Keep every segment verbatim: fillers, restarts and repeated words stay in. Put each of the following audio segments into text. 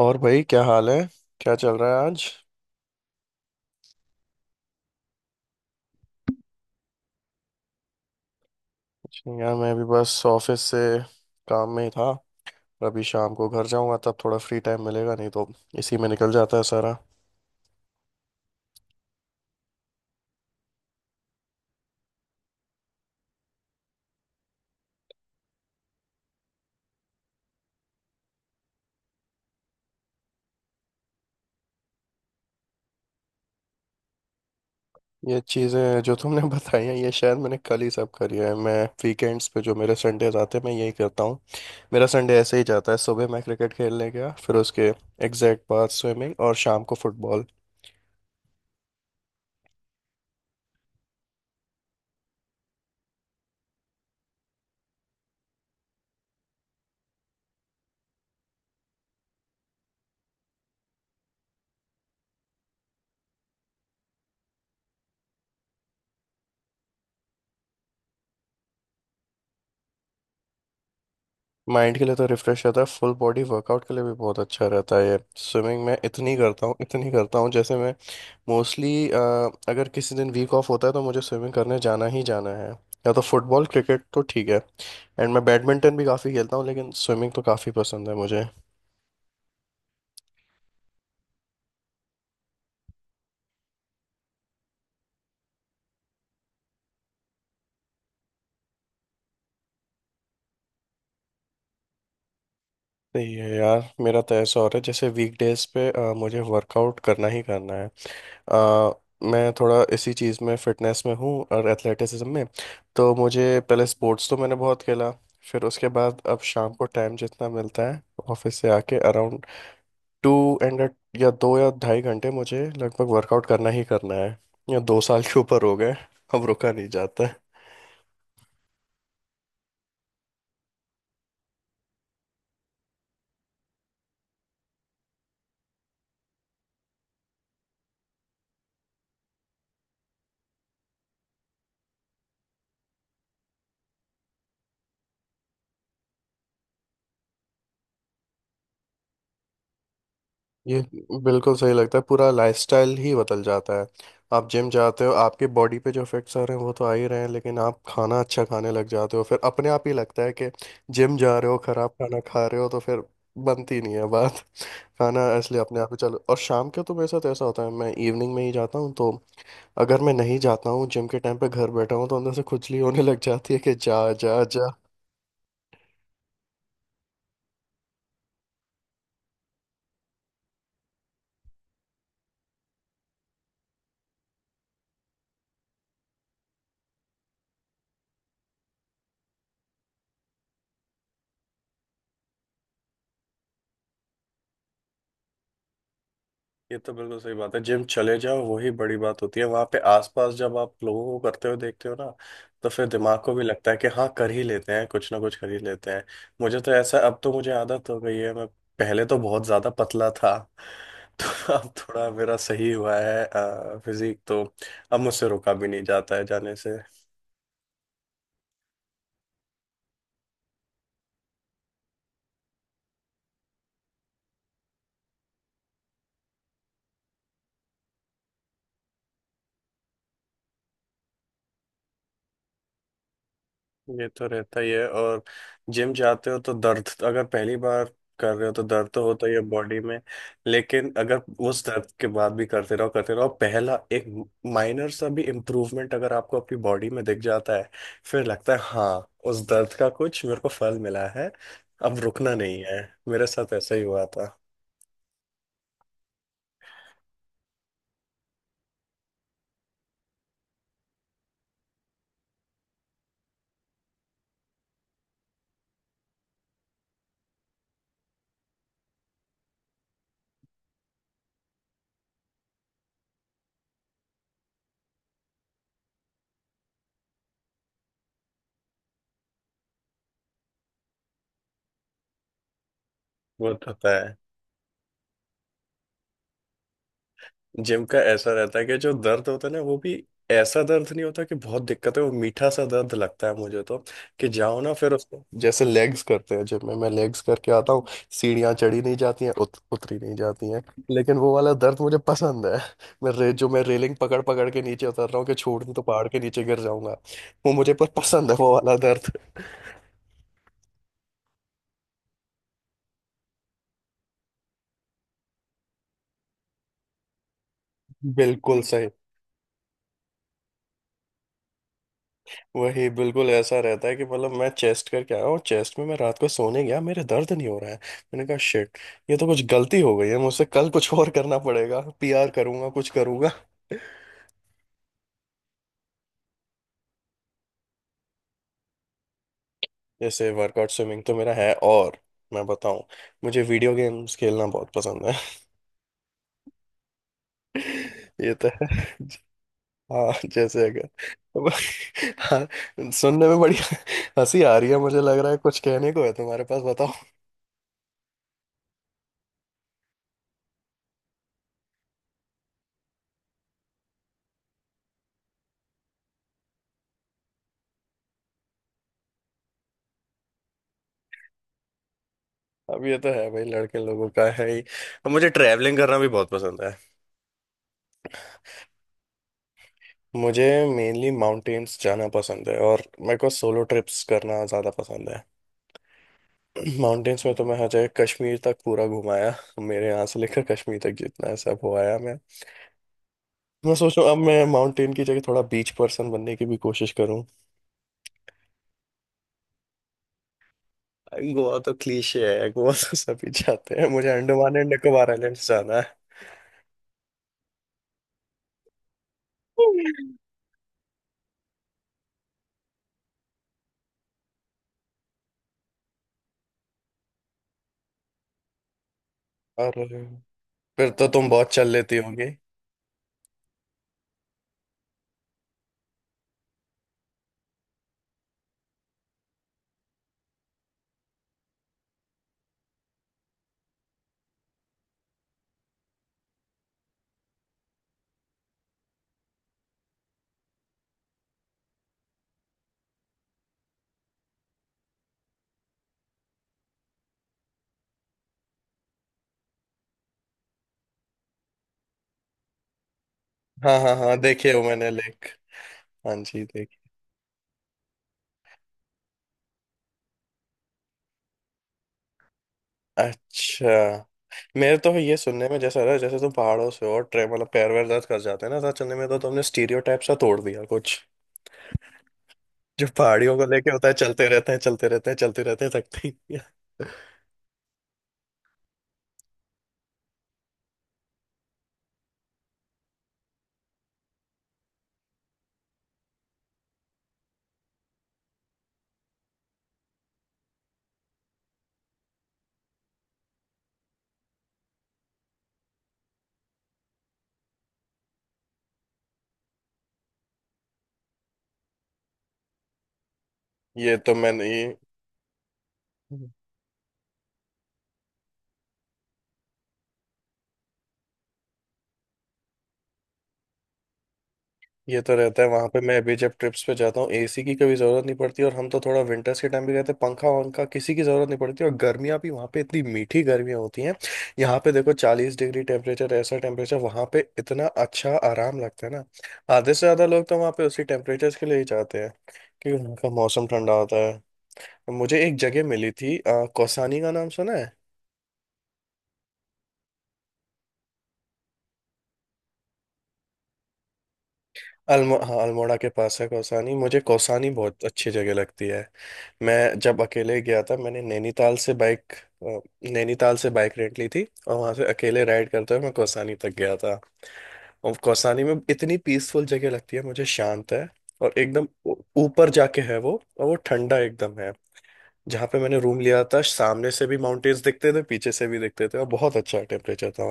और भाई क्या हाल है। क्या चल रहा है आज। कुछ नहीं यार मैं भी बस ऑफिस से काम में ही था। अभी शाम को घर जाऊंगा तब थोड़ा फ्री टाइम मिलेगा नहीं तो इसी में निकल जाता है सारा। ये चीज़ें जो तुमने बताई हैं ये शायद मैंने कल ही सब करी है। मैं वीकेंड्स पे जो मेरे संडेज आते हैं मैं यही करता हूँ। मेरा संडे ऐसे ही जाता है, सुबह मैं क्रिकेट खेलने गया, फिर उसके एग्जैक्ट बाद स्विमिंग और शाम को फुटबॉल। माइंड के लिए तो रिफ्रेश रहता है, फुल बॉडी वर्कआउट के लिए भी बहुत अच्छा रहता है ये स्विमिंग। मैं इतनी करता हूँ इतनी करता हूँ, जैसे मैं मोस्टली अगर किसी दिन वीक ऑफ होता है तो मुझे स्विमिंग करने जाना ही जाना है। या तो फुटबॉल क्रिकेट तो ठीक है। एंड मैं बैडमिंटन भी काफ़ी खेलता हूँ लेकिन स्विमिंग तो काफ़ी पसंद है मुझे। सही है यार, मेरा तो ऐसा हो रहा है जैसे वीकडेज पे अ, मुझे वर्कआउट करना ही करना है। अ, मैं थोड़ा इसी चीज़ में फिटनेस में हूँ और एथलेटिसिज्म में तो मुझे। पहले स्पोर्ट्स तो मैंने बहुत खेला, फिर उसके बाद अब शाम को टाइम जितना मिलता है ऑफिस से आके अराउंड टू एंड या दो या ढाई घंटे मुझे लगभग वर्कआउट करना ही करना है। या दो साल के ऊपर हो गए, अब रुका नहीं जाता। ये बिल्कुल सही लगता है, पूरा लाइफस्टाइल ही बदल जाता है। आप जिम जाते हो आपके बॉडी पे जो इफेक्ट्स आ रहे हैं वो तो आ ही रहे हैं, लेकिन आप खाना अच्छा खाने लग जाते हो, फिर अपने आप ही लगता है कि जिम जा रहे हो खराब खाना खा रहे हो तो फिर बनती नहीं है बात। खाना इसलिए अपने आप ही चलो। और शाम के तो मेरे साथ ऐसा होता है, मैं इवनिंग में ही जाता हूँ तो अगर मैं नहीं जाता हूँ जिम के टाइम पे, घर बैठा हूँ तो अंदर से खुजली होने लग जाती है कि जा जा जा। ये तो बिल्कुल सही बात है, जिम चले जाओ वही बड़ी बात होती है। वहां पे आसपास जब आप लोगों को करते हुए देखते हो ना तो फिर दिमाग को भी लगता है कि हाँ कर ही लेते हैं कुछ ना कुछ कर ही लेते हैं। मुझे तो ऐसा अब तो मुझे आदत हो गई है। मैं पहले तो बहुत ज्यादा पतला था तो अब थोड़ा मेरा सही हुआ है फिजिक तो, अब मुझसे रोका भी नहीं जाता है जाने से। ये तो रहता ही है। और जिम जाते हो तो दर्द अगर पहली बार कर रहे हो तो दर्द तो होता ही है बॉडी में, लेकिन अगर उस दर्द के बाद भी करते रहो करते रहो पहला एक माइनर सा भी इम्प्रूवमेंट अगर आपको अपनी बॉडी में दिख जाता है फिर लगता है हाँ उस दर्द का कुछ मेरे को फल मिला है, अब रुकना नहीं है। मेरे साथ ऐसा ही हुआ था। वो तो होता है, जिम का ऐसा रहता है कि जो दर्द होता है ना वो भी ऐसा दर्द नहीं होता कि बहुत दिक्कत है, वो मीठा सा दर्द लगता है मुझे तो, कि जाओ ना फिर उसको। जैसे लेग्स करते हैं जिम में, मैं लेग्स करके आता हूँ, सीढ़ियाँ चढ़ी नहीं जाती हैं उत, उतरी नहीं जाती हैं। लेकिन वो वाला दर्द मुझे पसंद है। मैं रे जो मैं रेलिंग पकड़ पकड़ के नीचे उतर रहा हूँ, कि छोड़ दूँ तो पहाड़ के नीचे गिर जाऊंगा। वो मुझे पर पसंद है वो वाला दर्द। बिल्कुल सही। वही बिल्कुल ऐसा रहता है कि मतलब मैं चेस्ट करके आया हूँ, चेस्ट में मैं रात को सोने गया मेरे दर्द नहीं हो रहा है, मैंने कहा शिट। ये तो कुछ गलती हो गई है मुझसे, कल कुछ और करना पड़ेगा, पीआर करूंगा, कुछ करूंगा। जैसे वर्कआउट स्विमिंग तो मेरा है। और मैं बताऊं, मुझे वीडियो गेम्स खेलना बहुत पसंद है। ये तो है। हाँ जैसे अगर हाँ, सुनने में बड़ी हंसी आ रही है। मुझे लग रहा है कुछ कहने को है तुम्हारे पास बताओ। अब ये तो है भाई, लड़के लोगों का है ही। अब मुझे ट्रैवलिंग करना भी बहुत पसंद है। मुझे मेनली माउंटेन्स जाना पसंद है, और मेरे को सोलो ट्रिप्स करना ज़्यादा पसंद है। माउंटेन्स में तो मैं हर जगह कश्मीर तक पूरा घुमाया, मेरे यहाँ से लेकर कश्मीर तक जितना है सब हो आया मैं मैं सोच रहा हूँ अब मैं माउंटेन की जगह थोड़ा बीच पर्सन बनने की भी कोशिश करूँ। गोवा तो क्लीशे है, गोवा तो सभी जाते हैं, मुझे अंडमान एंड निकोबार आइलैंड्स जाना है। और फिर तो तुम बहुत चल लेती होगी। हाँ हाँ हाँ देखे हो मैंने लेक। हाँ जी देख। अच्छा मेरे तो ये सुनने में जैसा रहा जैसे तुम पहाड़ों से हो और ट्रे मतलब पैर वैर दर्द कर जाते हैं ना ऐसा चलने में, तो तुमने स्टीरियोटाइप सा तोड़ दिया कुछ जो पहाड़ियों को लेके होता है, चलते रहते हैं चलते रहते हैं चलते रहते हैं, थकते ही नहीं हैं। ये तो मैंने ये ये तो रहता है वहां पे। मैं अभी जब ट्रिप्स पे जाता हूँ एसी की कभी जरूरत नहीं पड़ती, और हम तो थोड़ा विंटर्स के टाइम भी रहते हैं पंखा वंखा किसी की जरूरत नहीं पड़ती, और गर्मियाँ भी वहां पे इतनी मीठी गर्मियाँ होती हैं। यहाँ पे देखो चालीस डिग्री टेम्परेचर, ऐसा टेम्परेचर वहां पे इतना अच्छा आराम लगता है ना। आधे से ज्यादा लोग तो वहां पे उसी टेम्परेचर के लिए ही जाते हैं, क्योंकि उनका मौसम ठंडा होता है। मुझे एक जगह मिली थी अ, कौसानी का नाम सुना है। अल्मो हाँ अल्मोड़ा के पास है कौसानी, मुझे कौसानी बहुत अच्छी जगह लगती है। मैं जब अकेले गया था मैंने नैनीताल से बाइक नैनीताल से बाइक रेंट ली थी, और वहां से अकेले राइड करते हुए मैं कौसानी तक गया था। और कौसानी में इतनी पीसफुल जगह लगती है मुझे, शांत है और एकदम ऊ- ऊपर जाके है वो, और वो ठंडा एकदम है। जहाँ पे मैंने रूम लिया था सामने से भी माउंटेन्स दिखते थे पीछे से भी दिखते थे, और बहुत अच्छा टेम्परेचर था।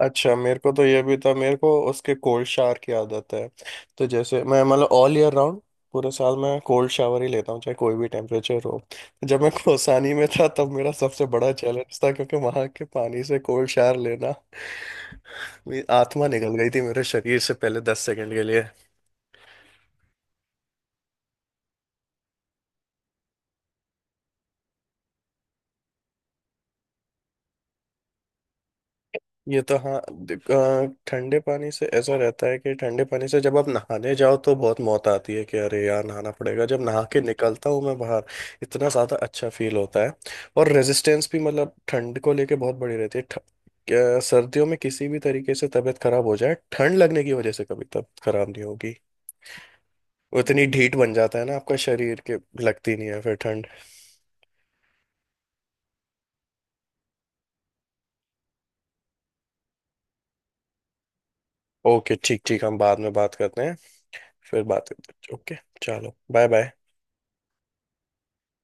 अच्छा मेरे को तो ये भी था, मेरे को उसके कोल्ड शावर की आदत है, तो जैसे मैं मतलब ऑल ईयर राउंड पूरे साल मैं कोल्ड शावर ही लेता हूँ चाहे कोई भी टेम्परेचर हो। जब मैं कोसानी में था तब मेरा सबसे बड़ा चैलेंज था क्योंकि वहां के पानी से कोल्ड शावर लेना, मेरी आत्मा निकल गई थी मेरे शरीर से पहले दस सेकंड के लिए। ये तो हाँ। देख, अ, ठंडे पानी से ऐसा रहता है कि ठंडे पानी से जब आप नहाने जाओ तो बहुत मौत आती है कि अरे यार नहाना पड़ेगा, जब नहा के निकलता हूँ मैं बाहर इतना ज़्यादा अच्छा फील होता है। और रेजिस्टेंस भी मतलब ठंड को लेके बहुत बड़ी रहती है। ठ- क्या- सर्दियों में किसी भी तरीके से तबीयत खराब हो जाए ठंड लगने की वजह से कभी तबीयत खराब नहीं होगी। वो इतनी ढीठ बन जाता है ना आपका शरीर के, लगती नहीं है फिर ठंड। ओके ठीक ठीक, हम बाद में बात करते हैं। फिर बात करते हैं, ओके। चलो बाय बाय।